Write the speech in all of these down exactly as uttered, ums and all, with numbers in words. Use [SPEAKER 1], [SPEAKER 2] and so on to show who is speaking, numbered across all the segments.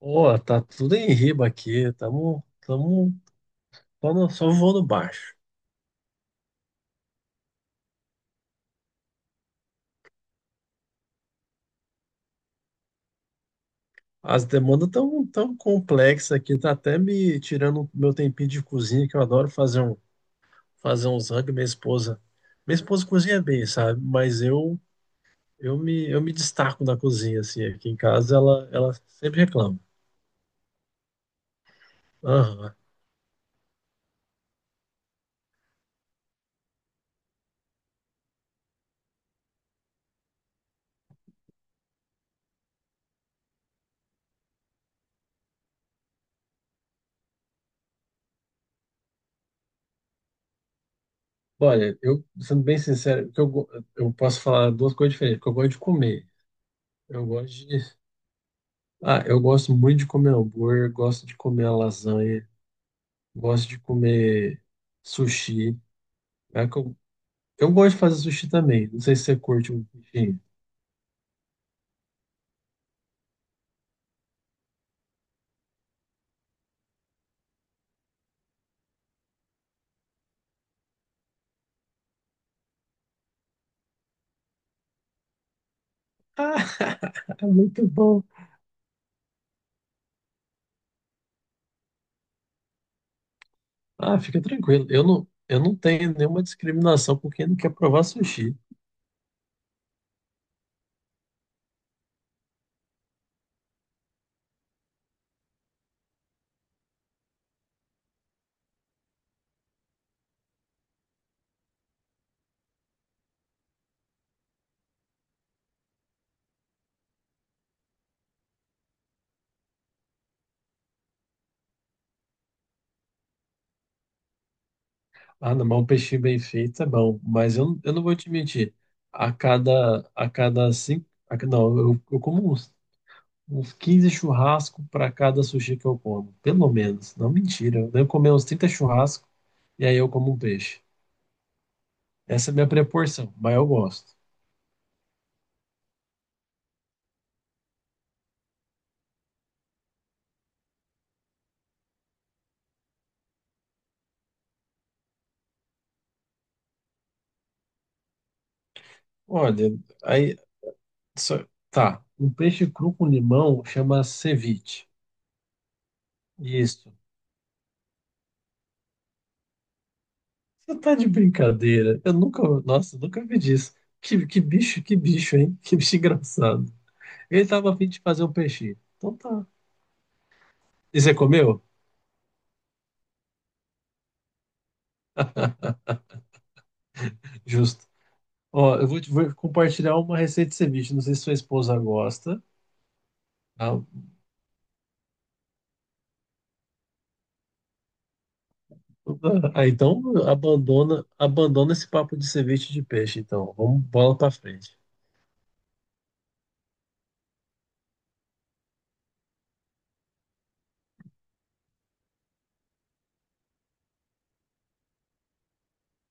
[SPEAKER 1] Ó, tá tudo em riba aqui, tamo, tamo só, no- só voando baixo. As demandas tão tão complexas aqui, tá até me tirando meu tempinho de cozinha, que eu adoro fazer um fazer uns rango, minha esposa. Minha esposa cozinha bem, sabe? Mas eu eu me eu me destaco na cozinha assim, aqui em casa ela ela sempre reclama. Aham. Olha, eu sendo bem sincero, que eu go- eu posso falar duas coisas diferentes, porque eu gosto de comer. Eu gosto de Ah, eu gosto muito de comer hambúrguer, gosto de comer lasanha. Gosto de comer sushi. É que eu, eu gosto de fazer sushi também. Não sei se você curte um peixinho. Ah, é muito bom. Ah, fica tranquilo. Eu não, eu não tenho nenhuma discriminação por quem não quer provar sushi. Ah, não, mas um peixinho bem feito é bom. Mas eu, não- eu não vou te mentir. A cada, a cada cinco. a ca- não, eu, eu como uns, uns quinze churrascos para cada sushi que eu como. Pelo menos. Não, mentira. Eu devo comer uns trinta churrascos e aí eu como um peixe. Essa é a minha proporção, mas eu gosto. Olha, aí só- tá. Um peixe cru com limão chama ceviche. Isso. Você tá de brincadeira? Eu nunca, nossa, eu nunca vi disso. Que, que bicho, que bicho, hein? Que bicho engraçado. Ele tava a fim de fazer um peixinho. Então tá. E você comeu? Justo. Ó, eu vou, te- vou compartilhar uma receita de ceviche. Não sei se sua esposa gosta. Ah, ah, então abandona, abandona esse papo de ceviche de peixe. Então, vamos bola pra frente.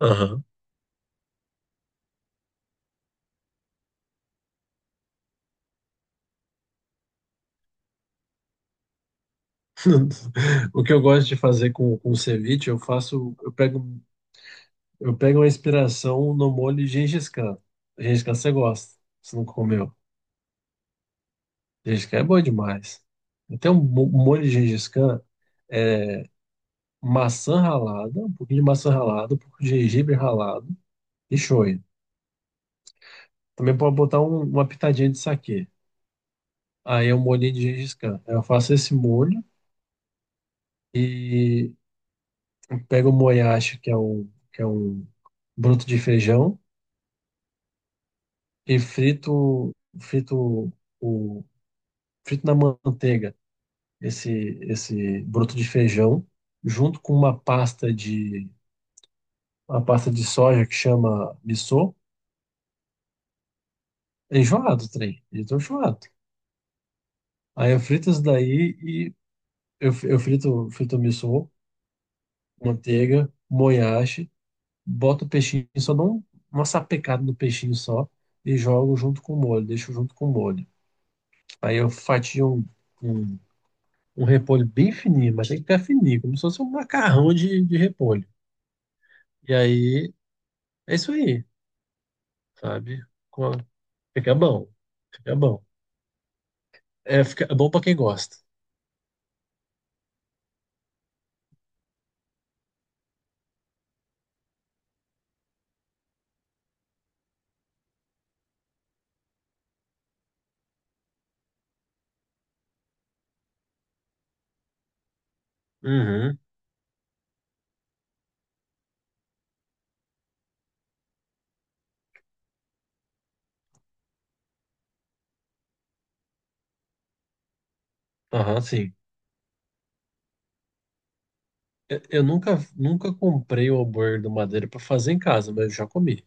[SPEAKER 1] Aham. O que eu gosto de fazer com, com ceviche, eu faço, eu pego, eu pego uma inspiração no molho Gengis Khan. Gengis Khan você gosta, você não comeu. Gengis Khan é bom demais. Então, um mo- um molho de Gengis Khan é maçã ralada, um pouquinho de maçã ralada, um pouco de gengibre ralado e shoyu. Também pode botar um- uma pitadinha de saquê. Aí é um molhinho de Gengis Khan. Eu faço esse molho e pego o moyashi, que é um, que é um broto de feijão. E frito, frito, o, frito na manteiga esse, esse broto de feijão, junto com uma pasta de, uma pasta de soja que chama missô. É enjoado o trem, eu tô enjoado. Aí eu frito isso daí e eu, eu frito, frito o missô, manteiga, moyashi, boto o peixinho, só dou um- uma sapecada no peixinho só e jogo junto com o molho, deixo junto com o molho. Aí eu fatio um. um um repolho bem fininho, mas tem que ficar fininho, como se fosse um macarrão de, de repolho. E aí, é isso aí, sabe? Com a- Fica bom, fica bom. É, fica é bom pra quem gosta. Uhum, aham, sim. Eu, eu nunca, nunca comprei o hambúrguer do Madeira pra fazer em casa, mas eu já comi.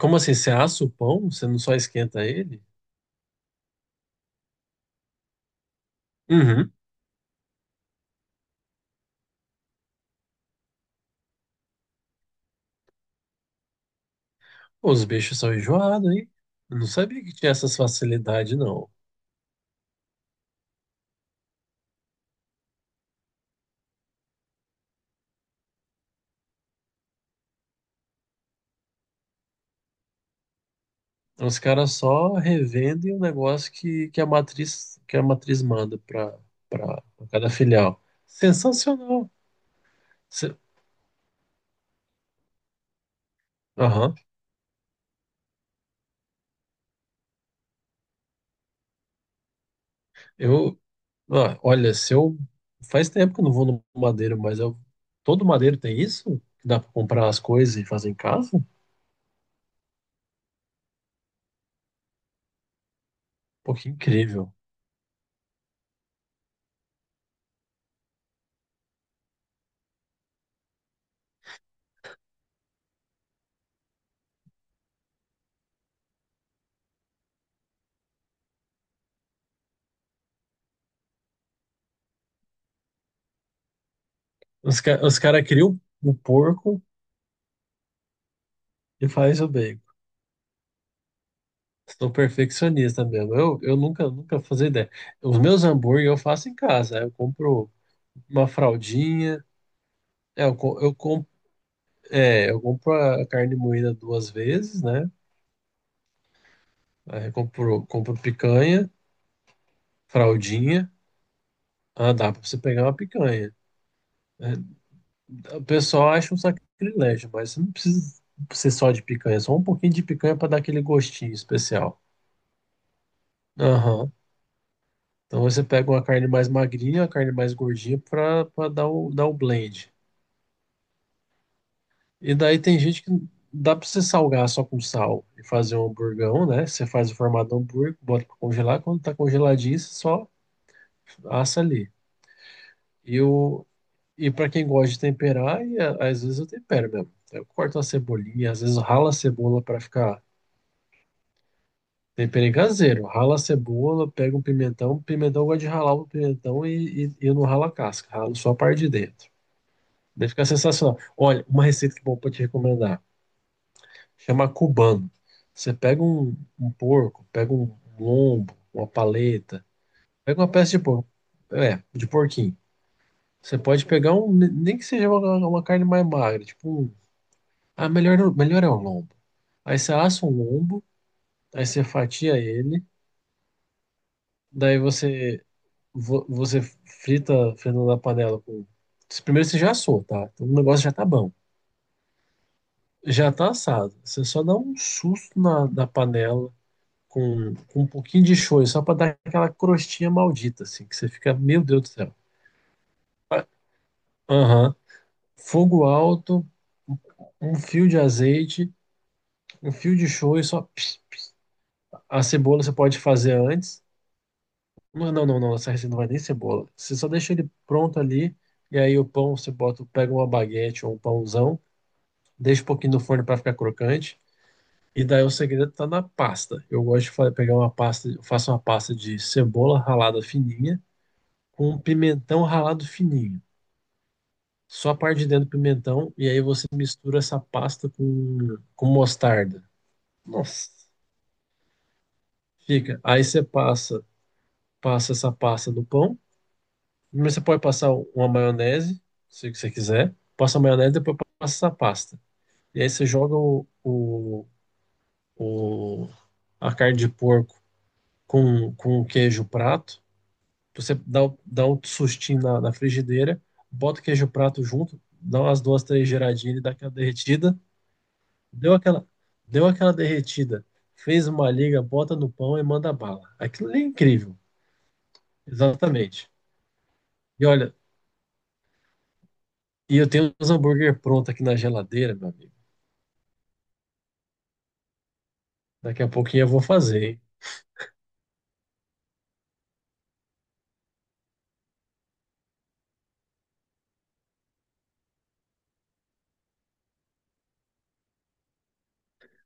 [SPEAKER 1] Como assim, você assa o pão, você não só esquenta ele? Uhum. Pô, os bichos são enjoados, hein? Eu não sabia que tinha essas facilidades, não. Os caras só revendem o negócio que, que a matriz que a matriz manda para para cada filial. Sensacional. Se- Aham. Eu, ah, olha, se eu faz tempo que eu não vou no Madeiro, mas eu todo Madeiro tem isso? Que dá para comprar as coisas e fazer em casa? Pô, que incrível. Os, ca- os caras criam o porco e faz o bacon. Estou perfeccionista mesmo. Eu, eu nunca, nunca fazia ideia. Os meus hambúrguer eu faço em casa. Eu compro uma fraldinha. É, eu, co- eu, com- é, eu compro a carne moída duas vezes, né? Aí eu compro, compro picanha, fraldinha. Ah, dá pra você pegar uma picanha. É, o pessoal acha um sacrilégio, mas você não precisa ser só de picanha, só um pouquinho de picanha pra dar aquele gostinho especial. Aham. Então você pega uma carne mais magrinha, uma carne mais gordinha pra pra dar o, dar o blend. E daí tem gente que dá pra você salgar só com sal e fazer um hamburgão, né? Você faz o formato do hambúrguer, bota pra congelar. Quando tá congeladinho, você só assa ali. E, o e para quem gosta de temperar, e a- às vezes eu tempero mesmo. Eu corto uma cebolinha, às vezes eu ralo a cebola pra ficar tempero caseiro. Rala a cebola, pega um pimentão. Pimentão eu gosto de ralar o pimentão e, e, e eu não ralo a casca, ralo só a parte de dentro. Daí fica sensacional. Olha, uma receita que eu vou te recomendar. Chama cubano. Você pega um, um porco, pega um lombo, uma paleta, pega uma peça de porco, é, de porquinho. Você pode pegar um, nem que seja uma, uma carne mais magra, tipo, um- ah, melhor, melhor é o lombo. Aí você assa um lombo, aí você fatia ele, daí você vo- você frita, frita na panela com. Primeiro você já assou, tá? Então o negócio já tá bom. Já tá assado. Você só dá um susto na, na panela, com, com um pouquinho de shoyu, só para dar aquela crostinha maldita, assim, que você fica, meu Deus do céu. ah Aham. Fogo alto, um um fio de azeite, um fio de shoyu, só a cebola você pode fazer antes. Não, não, não, não, essa receita não vai nem cebola. Você só deixa ele pronto ali, e aí o pão você bota, pega uma baguete ou um pãozão, deixa um pouquinho no forno para ficar crocante. E daí o segredo tá na pasta. Eu gosto de fa- Pegar uma pasta, eu faço uma pasta de cebola ralada fininha, com um pimentão ralado fininho. Só a parte de dentro do pimentão, e aí você mistura essa pasta com, com mostarda. Nossa, fica. Aí você passa, passa essa pasta no pão, mas você pode passar uma maionese, se você quiser. Passa a maionese, depois passa essa pasta. E aí você joga o, o, o- a carne de porco com, com o queijo prato. Você dá, o- dá um sustinho na, na frigideira, bota o queijo prato junto, dá umas duas, três giradinhas e dá aquela derretida. Deu aquela, deu aquela derretida, fez uma liga, bota no pão e manda bala. Aquilo ali é incrível. Exatamente. E olha, e eu tenho os hambúrguer pronto aqui na geladeira, meu amigo. Daqui a pouquinho eu vou fazer, hein?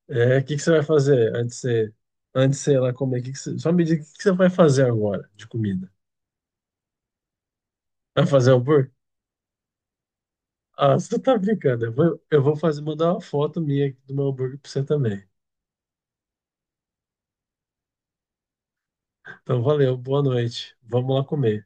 [SPEAKER 1] É, o que que você vai fazer antes de você, antes de você ir lá comer? Que que você- só me diga o que que você vai fazer agora de comida. Vai fazer hambúrguer? Ah, você tá brincando. Eu vou, eu vou fazer, mandar uma foto minha aqui do meu hambúrguer pra você também. Então, valeu, boa noite. Vamos lá comer.